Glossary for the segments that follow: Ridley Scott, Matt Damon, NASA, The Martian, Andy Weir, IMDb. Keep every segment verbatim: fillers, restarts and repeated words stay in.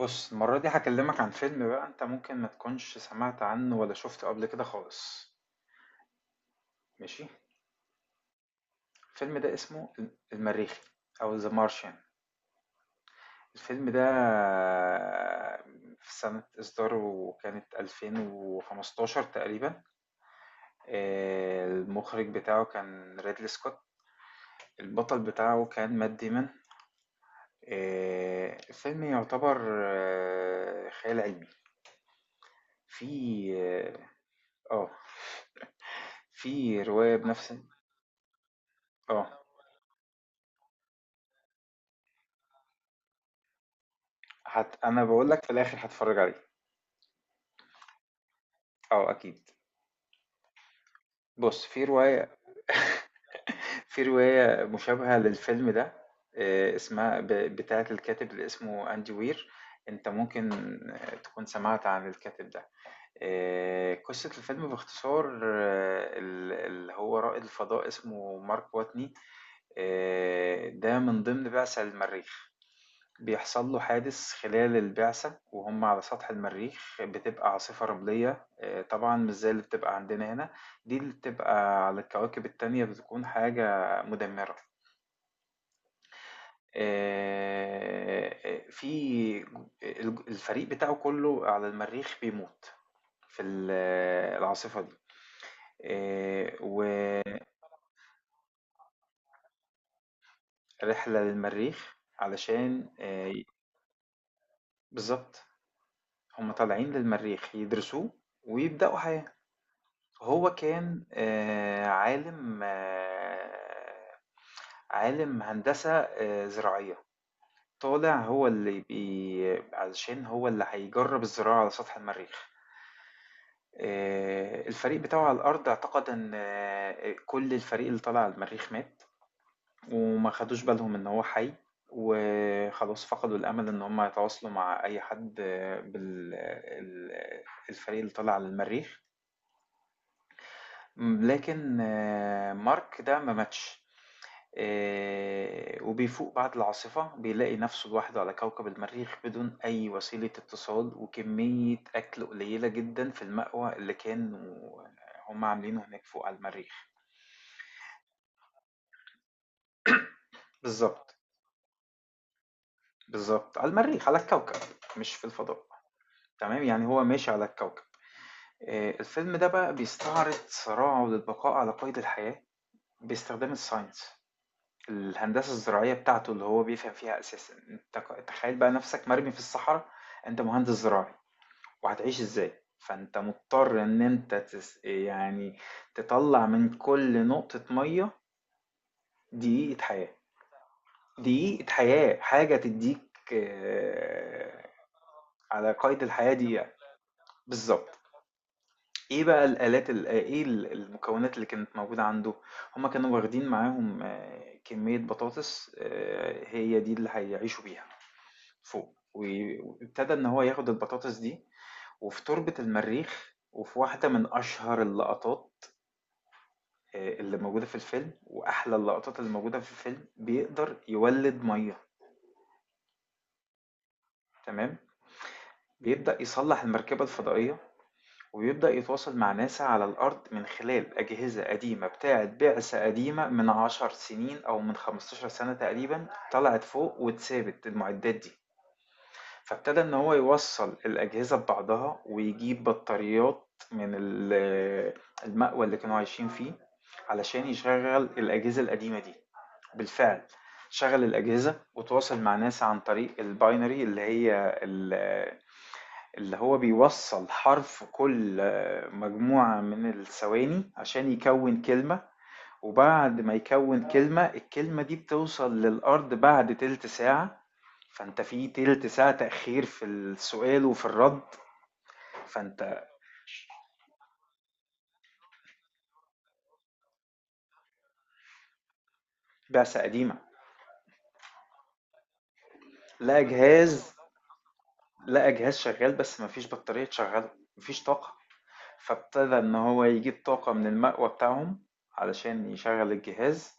بُص، المرّة دي هاكلّمك عن فيلم بقى أنت ممكن ما تكونش سمعت عنّه ولا شُفته قبل كده خالص، ماشي؟ الفيلم ده اسمه ال المرّيخي أو The Martian. الفيلم ده في سَنة إصداره كانت ألفين وخمستاشر تقريبًا. آآ المُخرِج بتاعه كان Ridley Scott، البطل بتاعه كان Matt Damon. آآ الفيلم يُعتبر آه، خيال علمي، في آه، آه، في رواية بنفس آه. هت... انا بقول لك في الاخر هتفرج عليه. اه اكيد. بص، في روايه في روايه مشابهه للفيلم ده، آه، اسمها ب... بتاعه الكاتب اللي اسمه اندي وير. انت ممكن آه، تكون سمعت عن الكاتب ده. آه، قصه الفيلم باختصار، آه، ال- اللي هو رائد الفضاء اسمه مارك واتني. آه، ده من ضمن بعثه المريخ. بيحصل له حادث خلال البعثة وهم على سطح المريخ، بتبقى عاصفة رملية. آه، طبعا مش زي اللي بتبقى عندنا هنا، دي اللي بتبقى على الكواكب التانية بتكون حاجة مدمرة. آه، في الج- الفريق بتاعه كله على المريخ بيموت في ال- العاصفة دي. آه، ورحلة للمريخ علشان آه، بالظبط. هم طالعين للمريخ يدرسوه ويبدأوا حياة. هو كان آآ عالِم، آه، عالِم هندسة آآ زراعية، طالع هو اللي بي علشان هو اللي هيجرّب الزراعة على سطح المريخ. آآ الفريق بتاعه على الأرض اعتقد إن آه، كل الفريق اللي طالع على المريخ مات، وما خدوش بالهم إن هو حي، وخلاص فقدوا الأمل إن هم يتواصلوا مع أي حد بال ال الفريق اللي طالع على المريخ. امم لكن آه، مارك ده ما ماتش. آه، وبيفوق بعد العاصفة بيلاقي نفسه لوحده على كوكب المريخ بدون أي وسيلة اتصال وكمية أكل قليلة جدا في المأوى اللي كانوا هم عاملينه هناك فوق على المريخ. بالظبط. بالظبط على المريخ، على الكوكب، مش في الفضاء. تمام، يعني هو ماشي على الكوكب. آه، الفيلم ده بقى بيستعرض صراعه للبقاء على قيد الحياة باستخدام الساينس، الهندسة الزراعية بتاعته اللي هو بيفهم فيها أساسا. أنت تخيل بقى نفسك مرمي في الصحراء، أنت مهندس زراعي، وهتعيش ازاي؟ فانت مضطر ان انت تس يعني تطلع من كل نقطة مية دقيقة حياة. دقيقة حياة، حاجة تديك آه، على قيد الحياة دقيقة. بالظبط. ايه بقى الآلات، ال- ايه ال- المكونات اللي كانت موجودة عنده؟ هما كانوا واخدين معاهم آه، كمية بطاطس، آه، هي دي اللي هيعيشوا بيها فوق، و- وابتدى ان هو ياخد البطاطس دي وفي تربة المريخ، وفي واحدة من أشهر اللقطات آآ اللي موجودة في الفيلم وأحلى اللقطات اللي موجودة في الفيلم، بيقدر يولِّد مَيّة. تمام، بيبدأ يصلّح المركبة الفضائية، وبيبدأ يتواصل مع ناسا على الأرض من خلال أجهزة قديمة بتاعة بعثة قديمة من 10 سنين أو من 15 سنة تقريبًا طلعت فوق واتسابت المعدات دي، فابتدى إن هو يوصّل الأجهزة ببعضها ويجيب بطاريات من ال المأوى اللي كانوا عايشين فيه علشان يشغّل الأجهزة القديمة دي. بالفعل شغل الأجهزة وتواصل مع ناس عن طريق الباينري، اللي هي ال- اللي هو بيوصل حرف كل مجموعة من الثواني عشان يكون كلمة، وبعد ما يكون كلمة الكلمة دي بتوصل للأرض بعد تلت ساعة. فأنت في تلت ساعة تأخير في السؤال وفي الرد. فأنت. بعثة قديمة. لا، جهاز. لا، جهاز شغال بس مفيش بطارية تشغله، مفيش طاقة. فابتدى إن هو يجيب طاقة من المأوى بتاعهم علشان يشغل الجهاز،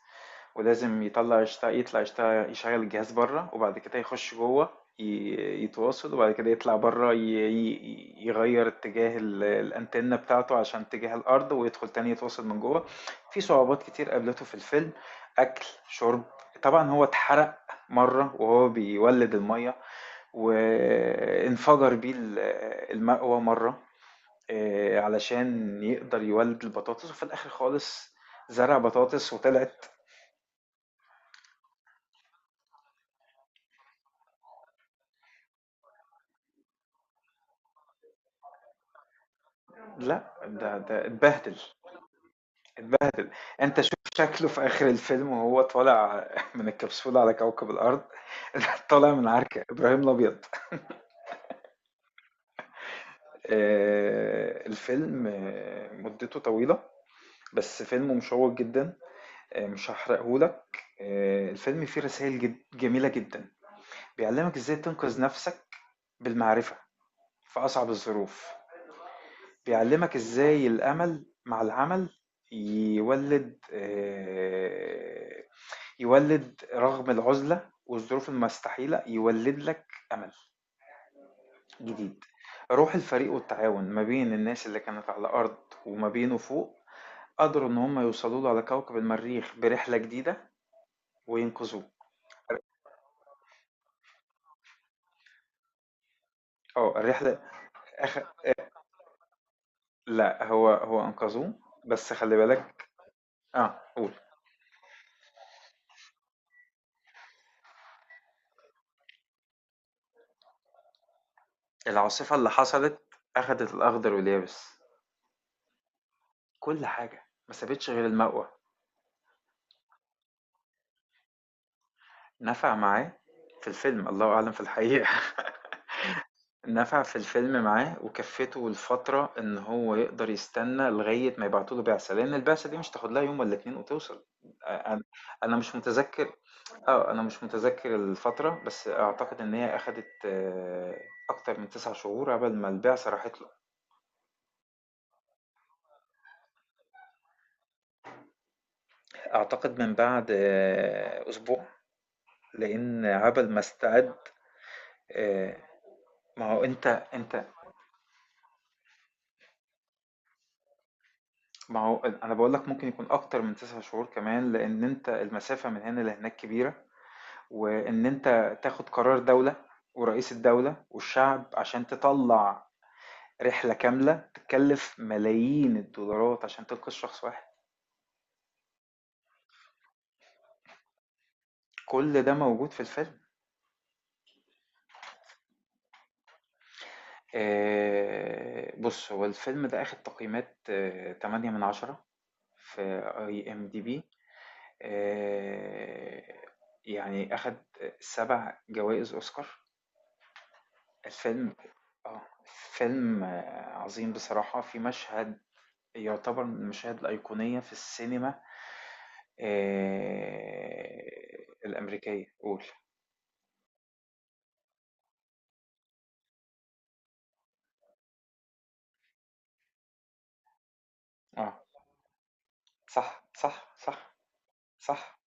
ولازم يطلع يشتغل يطلع يشتغل يشغل الجهاز بره وبعد كده يخش جوه ي- يتواصل، وبعد كده يطلع بره ي- ي- يغير اتجاه ال- الأنتنة بتاعته عشان اتجاه الأرض ويدخل تاني يتواصل من جوه. في صعوبات كتير قابلته في الفيلم، أكل شرب. طبعا هو اتحرق مرة وهو بيولد المية، وانفجر بيه ال- المأوى مرة، آه، علشان يقدر يولد البطاطس. وفي الاخر خالص زرع بطاطس وطلعت. لا، ده ده اتبهدل. اتبهدل. انت شوف شكله في اخر الفيلم وهو طالع من الكبسولة على كوكب الارض. طالع من عركة ابراهيم الابيض. آه، الفيلم آه، مدته طويلة، بس فيلم مشوق جدا. آه، مش هحرقهولك. آه، الفيلم فيه رسائل جد- جميلة جدا، بيعلمك ازاي تنقذ نفسك بالمعرفة في أصعب الظروف. بيعلّمك إزاي الأمل مع العمل يولِّد آآ يولِّد رغم العُزلة والظروف المستحيلة، يولِّد لك أمل جديد. روح الفريق والتعاون ما بين الناس اللي كانت على الأرض وما بينه فوق، قدروا إن هم يوصلوا له على كوكب المريخ برحلة جديدة وينقذوه. آه، الرحلة. أخ. لأ، هو هو أنقذوه، بس خلّي بالك. آه، قُل. العاصفة اللي حصلت أخدت الأخضر واليابس. كل حاجة، ما سابتش غير المَقوَى. نفع معاه في الفيلم، الله أعلم في الحقيقة. نفع في الفيلم معاه وكفّته لفترة إن هو يقدر يستنى لغاية ما يبعتوا له بعثة، لإن البعثة دي مش هتاخد لها يوم والّا اتنين وتوصل. أ أنا أنا مش متذكّر. آه، أنا مش متذكّر الفترة، بس أعتقد إن هي أخدت آه، أكتر من 9 شهور عقبال ما البعثة راحت له. أعتقد من بعد آه، أسبوع، لإن عقبال ما استعد. آآ ما هو أنت. أنت ما هو أنا باقول لك ممكن يكون أكتر من 9 شهور كمان، لإن أنت المسافة من هنا لهناك كبيرة، وإن أنت تاخد قرار دولة ورئيس الدولة والشعب عشان تطلّع رحلة كاملة تتكلف ملايين الدولارات عشان تنقذ شخص واحد. كل ده موجود في الفيلم. آآ بُص، هو الفيلم ده أخد تقييمات تمانية من عشرة في آي إم دي بي. آآ يعني أخد سبع جوائز أوسكار. الفيلم آه، فيلم آه، عظيم بصراحة. في مشهد يعتبر من المشاهد الأيقونية في السينما آه، الأمريكية، قول. اه، صح صح صح. صح،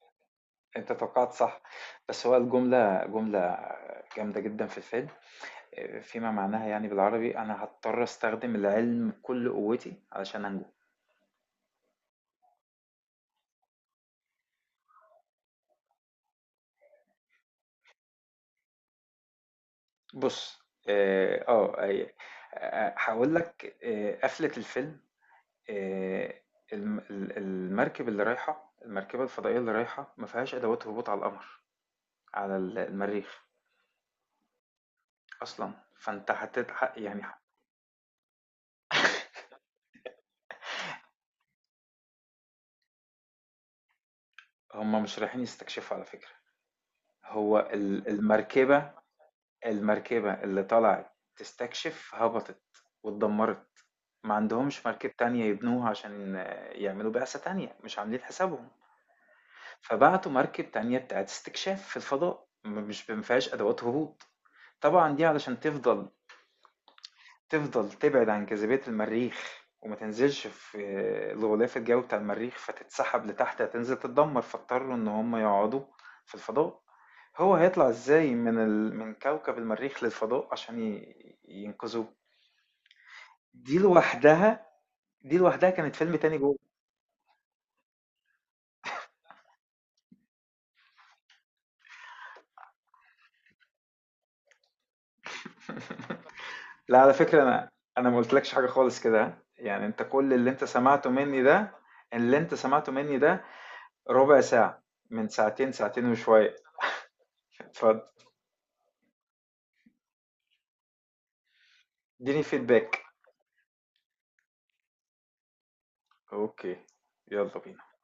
انت توقعت صح. بس هو الجملة جملة جامدة جدا في الفيلم، آه، فيما معناها يعني بالعربي، أنا هضطر أستخدم العلم بكل قوتي علشان أنجو. بص، اه، آه، آه، آه، هقول لك آه، قفلة الفيلم. آآ الم ال المركب اللي رايحة، المركبة الفضائية اللي رايحة ما فيهاش أدوات هبوط على القمر، على ال المريخ أصلًا. فأنت هتت ح يعني، هُم مش رايحين يستكشفوا على فكرة. هو ال المركبة المركبة اللي طلعت تستكشف هبطت واتدمرت. ما عندهمش مركب تانية يبنوها عشان آه، يعملوا بعثة تانية. مش عاملين حسابهم. فبعتوا مركب تانية بتاعة استكشاف في الفضاء، م مش ما فيهاش أدوات هبوط، طبعًا دي علشان تفضل تفضل تبعد عن جاذبية المريخ وما تنزلش في الغلاف الجوي بتاع المريخ فتتسحب لتحت هتنزل تتدمر. فاضطروا ان هم يقعدوا في الفضاء. هو هيطلع ازاي من ال... من كوكب المريخ للفضاء عشان ي... ينقذوه. دي لوحدها. دي لوحدها كانت فيلم تاني جوه. لا، على فكرة انا انا ما قلتلكش حاجة خالص كده، ها؟ يعني انت كل اللي انت سمعته مني ده، اللي انت سمعته مني ده ربع ساعة من ساعتين، ساعتين وشوية. اتفضل، اديني فيدباك. أوكي، يلا بينا.